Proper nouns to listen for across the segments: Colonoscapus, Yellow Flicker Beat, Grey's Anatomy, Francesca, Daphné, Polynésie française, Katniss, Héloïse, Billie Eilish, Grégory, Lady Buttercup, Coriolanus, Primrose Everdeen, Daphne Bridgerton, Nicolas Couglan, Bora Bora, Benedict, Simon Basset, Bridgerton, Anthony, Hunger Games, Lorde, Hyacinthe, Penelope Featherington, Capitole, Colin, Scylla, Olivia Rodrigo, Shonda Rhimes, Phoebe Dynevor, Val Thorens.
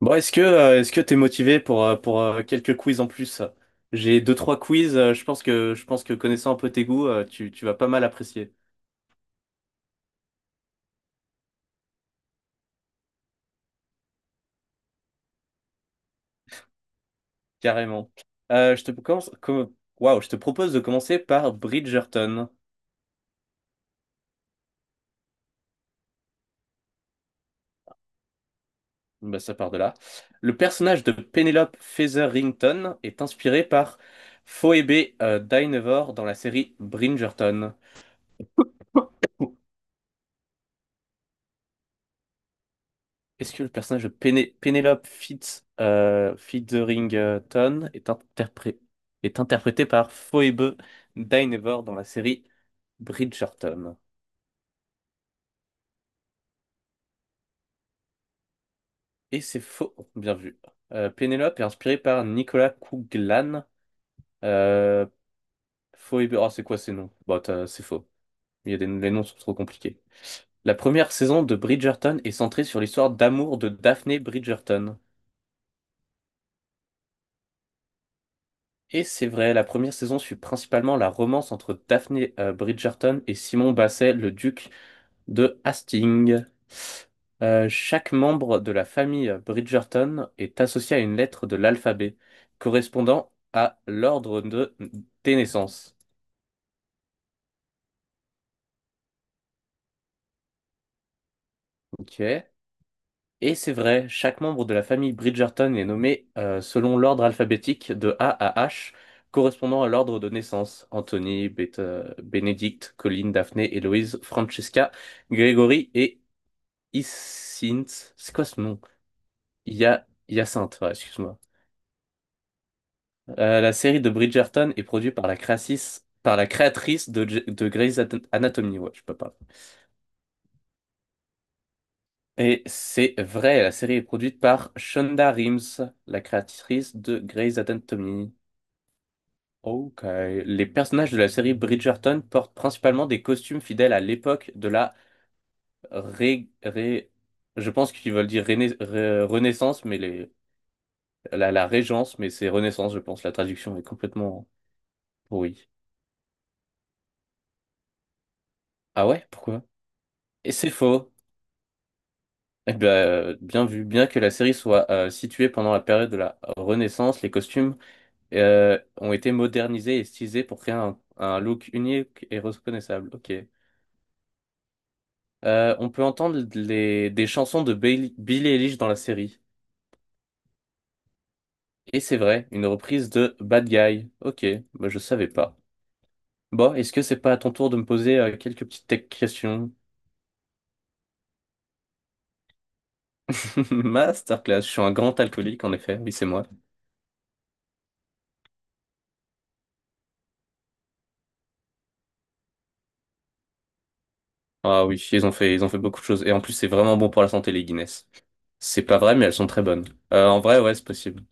Bon, est-ce que t'es motivé pour quelques quiz en plus? J'ai deux trois quiz. Je pense que connaissant un peu tes goûts, tu vas pas mal apprécier. Carrément. Je te commence. Waouh, je te propose de commencer par Bridgerton. Bah, ça part de là. Le personnage de Penelope Featherington est inspiré par Phoebe Dynevor dans la série Bridgerton. Est-ce que le personnage de Penelope Featherington est interprété par Phoebe Dynevor dans la série Bridgerton? Et c'est faux, bien vu. Penelope est inspirée par Nicolas Couglan. Euh, Phoebe, oh, c'est quoi ces noms? Bah, c'est faux. Il y a des... Les noms sont trop compliqués. La première saison de Bridgerton est centrée sur l'histoire d'amour de Daphne Bridgerton. Et c'est vrai, la première saison suit principalement la romance entre Daphne Bridgerton et Simon Basset, le duc de Hastings. Chaque membre de la famille Bridgerton est associé à une lettre de l'alphabet, correspondant à l'ordre des naissances. Ok. Et c'est vrai, chaque membre de la famille Bridgerton est nommé selon l'ordre alphabétique de A à H, correspondant à l'ordre de naissance. Anthony, Benedict, Colin, Daphné, Héloïse, Francesca, Grégory et Hyacinthe. C'est quoi ce nom? Hyacinthe, ouais, excuse-moi. La série de Bridgerton est produite par par la créatrice de Grey's Anatomy. Ouais, je peux pas. Et c'est vrai, la série est produite par Shonda Rhimes, la créatrice de Grey's Anatomy. Ok. Les personnages de la série Bridgerton portent principalement des costumes fidèles à l'époque. De la ré... ré- Je pense qu'ils veulent dire Renaissance, mais la Régence, mais c'est Renaissance, je pense. La traduction est complètement pourrie. Ah ouais? Pourquoi? Et c'est faux. Eh bien, bien vu. Bien que la série soit située pendant la période de la Renaissance, les costumes ont été modernisés et stylisés pour créer un look unique et reconnaissable. Ok. On peut entendre des chansons de Billie Eilish dans la série. Et c'est vrai, une reprise de Bad Guy. Ok, bah je savais pas. Bon, est-ce que c'est pas à ton tour de me poser quelques petites tech questions? Masterclass, je suis un grand alcoolique en effet, oui c'est moi. Ah oui, ils ont fait beaucoup de choses. Et en plus c'est vraiment bon pour la santé les Guinness. C'est pas vrai mais elles sont très bonnes. En vrai, ouais, c'est possible.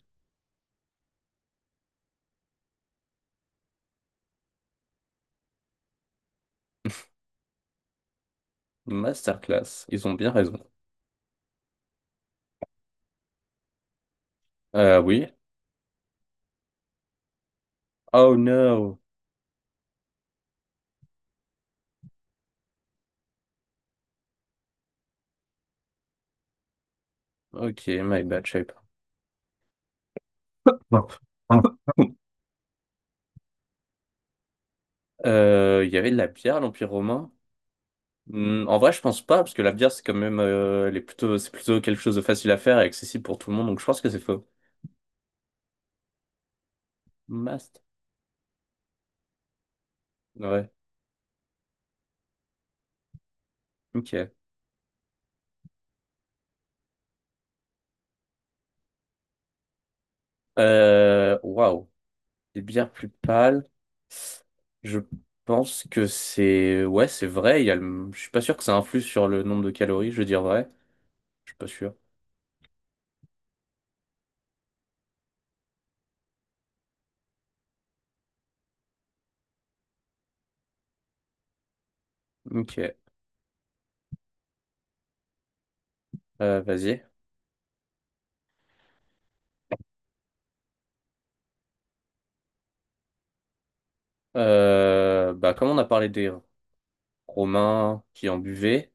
Masterclass, ils ont bien raison. Oui. Oh no. Ok, my bad, je savais pas. Il y avait de la bière à l'Empire romain. Hmm, en vrai, je pense pas, parce que la bière, c'est quand même c'est plutôt quelque chose de facile à faire et accessible pour tout le monde, donc je pense que c'est faux. Mast. Ouais, ok. Waouh. Des bières plus pâles. Je pense que c'est. Ouais, c'est vrai. Il y a le... Je suis pas sûr que ça influe sur le nombre de calories, je veux dire vrai. Je suis pas sûr. Ok. Vas-y. Bah, comme on a parlé des Romains qui en buvaient.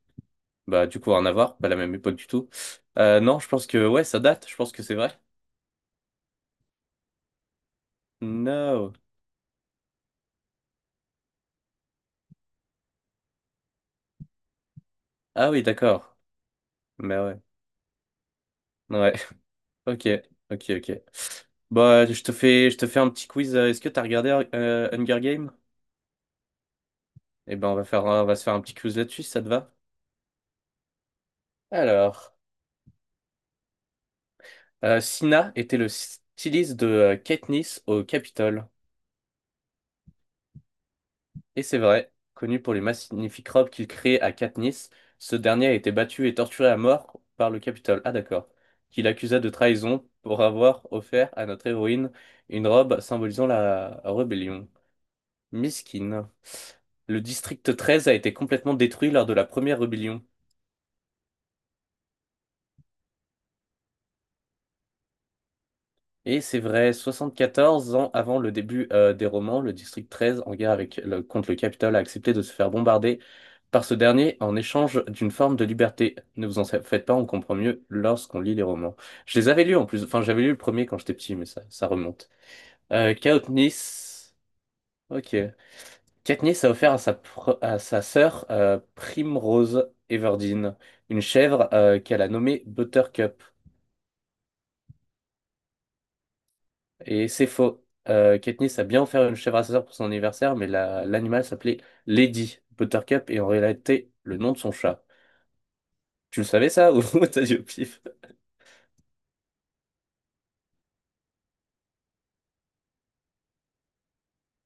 Bah, du coup, rien à voir, pas la même époque du tout. Non, je pense que, ouais, ça date, je pense que c'est vrai. No. Ah oui, d'accord. Mais ouais. Ouais. Ok, ok, ok. Bah, je te fais un petit quiz. Est-ce que t'as regardé Hunger Games? Eh ben, on va se faire un petit quiz là-dessus, si ça te va? Alors, Scylla était le styliste de Katniss au Capitole. Et c'est vrai, connu pour les magnifiques robes qu'il crée à Katniss, ce dernier a été battu et torturé à mort par le Capitole. Ah d'accord. Qu'il accusa de trahison pour avoir offert à notre héroïne une robe symbolisant la rébellion. Miskin. Le district 13 a été complètement détruit lors de la première rébellion. Et c'est vrai, 74 ans avant le début des romans, le district 13, en guerre avec contre le Capitole, a accepté de se faire bombarder par ce dernier en échange d'une forme de liberté. Ne vous en faites pas, on comprend mieux lorsqu'on lit les romans. Je les avais lus en plus, enfin j'avais lu le premier quand j'étais petit, mais ça remonte. Katniss, ok. Katniss a offert à à sa sœur Primrose Everdeen une chèvre qu'elle a nommée Buttercup. Et c'est faux. Katniss a bien offert une chèvre à sa sœur pour son anniversaire, mais l'animal s'appelait Lady Buttercup et en réalité le nom de son chat. Tu le savais ça ou t'as dit au pif?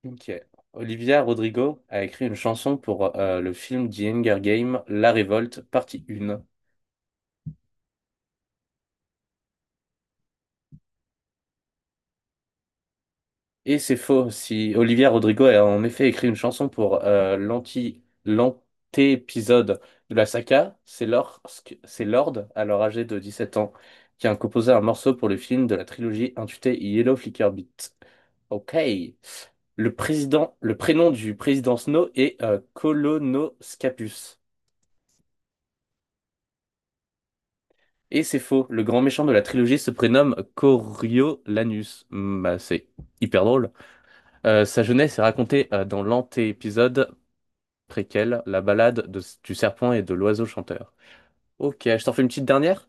Ok. Olivia Rodrigo a écrit une chanson pour le film The Hunger Games*, La Révolte, partie 1. Et c'est faux, si Olivia Rodrigo a en effet écrit une chanson pour l'anté-épisode de la saga, c'est Lorde, alors âgé de 17 ans, qui a composé un morceau pour le film de la trilogie intitulée Yellow Flicker Beat. Ok. Le prénom du président Snow est Colonoscapus. Et c'est faux, le grand méchant de la trilogie se prénomme Coriolanus. Hmm, bah, c'est hyper drôle. Sa jeunesse est racontée dans l'anté-épisode préquel, la balade du serpent et de l'oiseau chanteur. Ok, je t'en fais une petite dernière?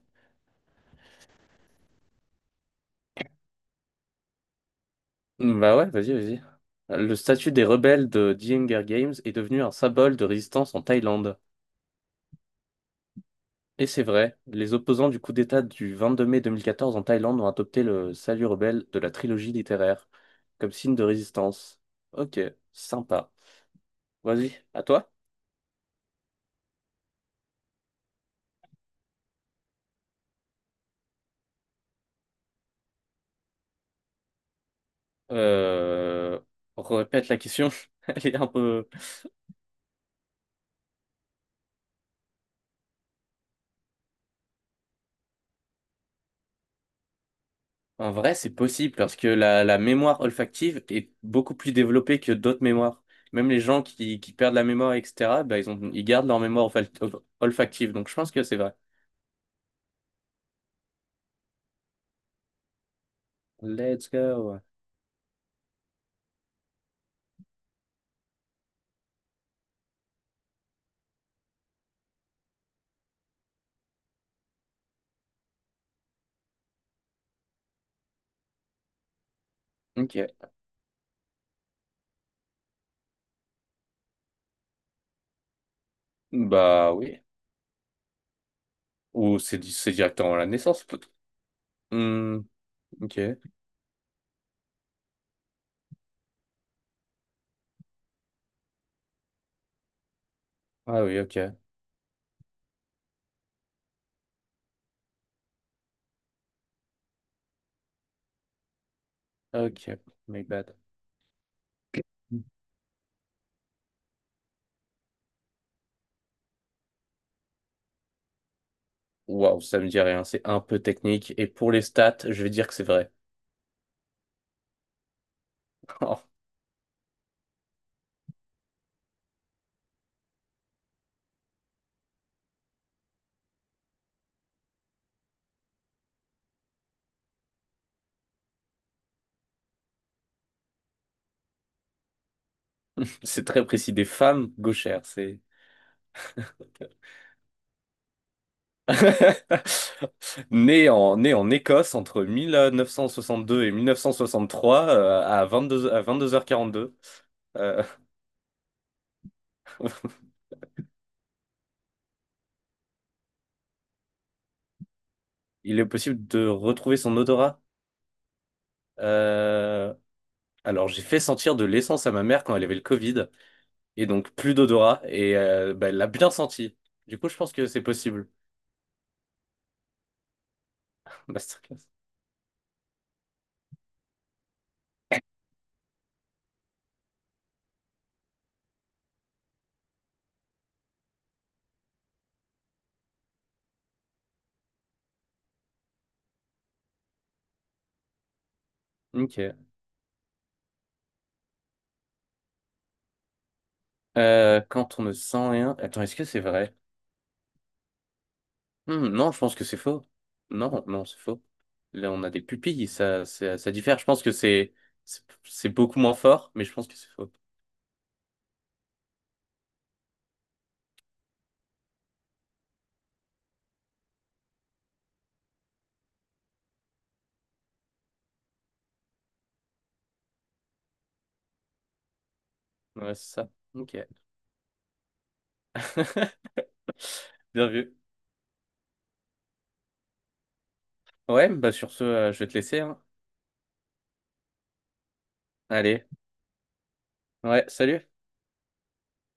Hmm, bah ouais, vas-y, vas-y. Le statut des rebelles de The Hunger Games est devenu un symbole de résistance en Thaïlande. Et c'est vrai, les opposants du coup d'État du 22 mai 2014 en Thaïlande ont adopté le salut rebelle de la trilogie littéraire comme signe de résistance. Ok, sympa. Vas-y, à toi. Euh, Répète la question. Elle est un peu... En vrai, c'est possible parce que la mémoire olfactive est beaucoup plus développée que d'autres mémoires. Même les gens qui perdent la mémoire, etc., bah, ils gardent leur mémoire olfactive. Donc, je pense que c'est vrai. Let's go. Ok. Bah oui. Ou c'est directement à la naissance. Hmm, ok. Ah oui, ok. Ok. My bad. Waouh, ça me dit rien. C'est un peu technique. Et pour les stats, je vais dire que c'est vrai. C'est très précis, des femmes gauchères. C'est né en Écosse entre 1962 et 1963 à 22h42. Euh, il est possible de retrouver son odorat. Euh, alors, j'ai fait sentir de l'essence à ma mère quand elle avait le Covid, et donc plus d'odorat, et bah, elle l'a bien senti. Du coup, je pense que c'est possible. Masterclass. Ok. Quand on ne sent rien. Attends, est-ce que c'est vrai? Hmm, non, je pense que c'est faux. Non, non, c'est faux. Là, on a des pupilles, ça diffère. Je pense que c'est beaucoup moins fort, mais je pense que c'est faux. Ouais, c'est ça. Ok. Bien vu. Ouais, bah sur ce, je vais te laisser, hein. Allez. Ouais, salut.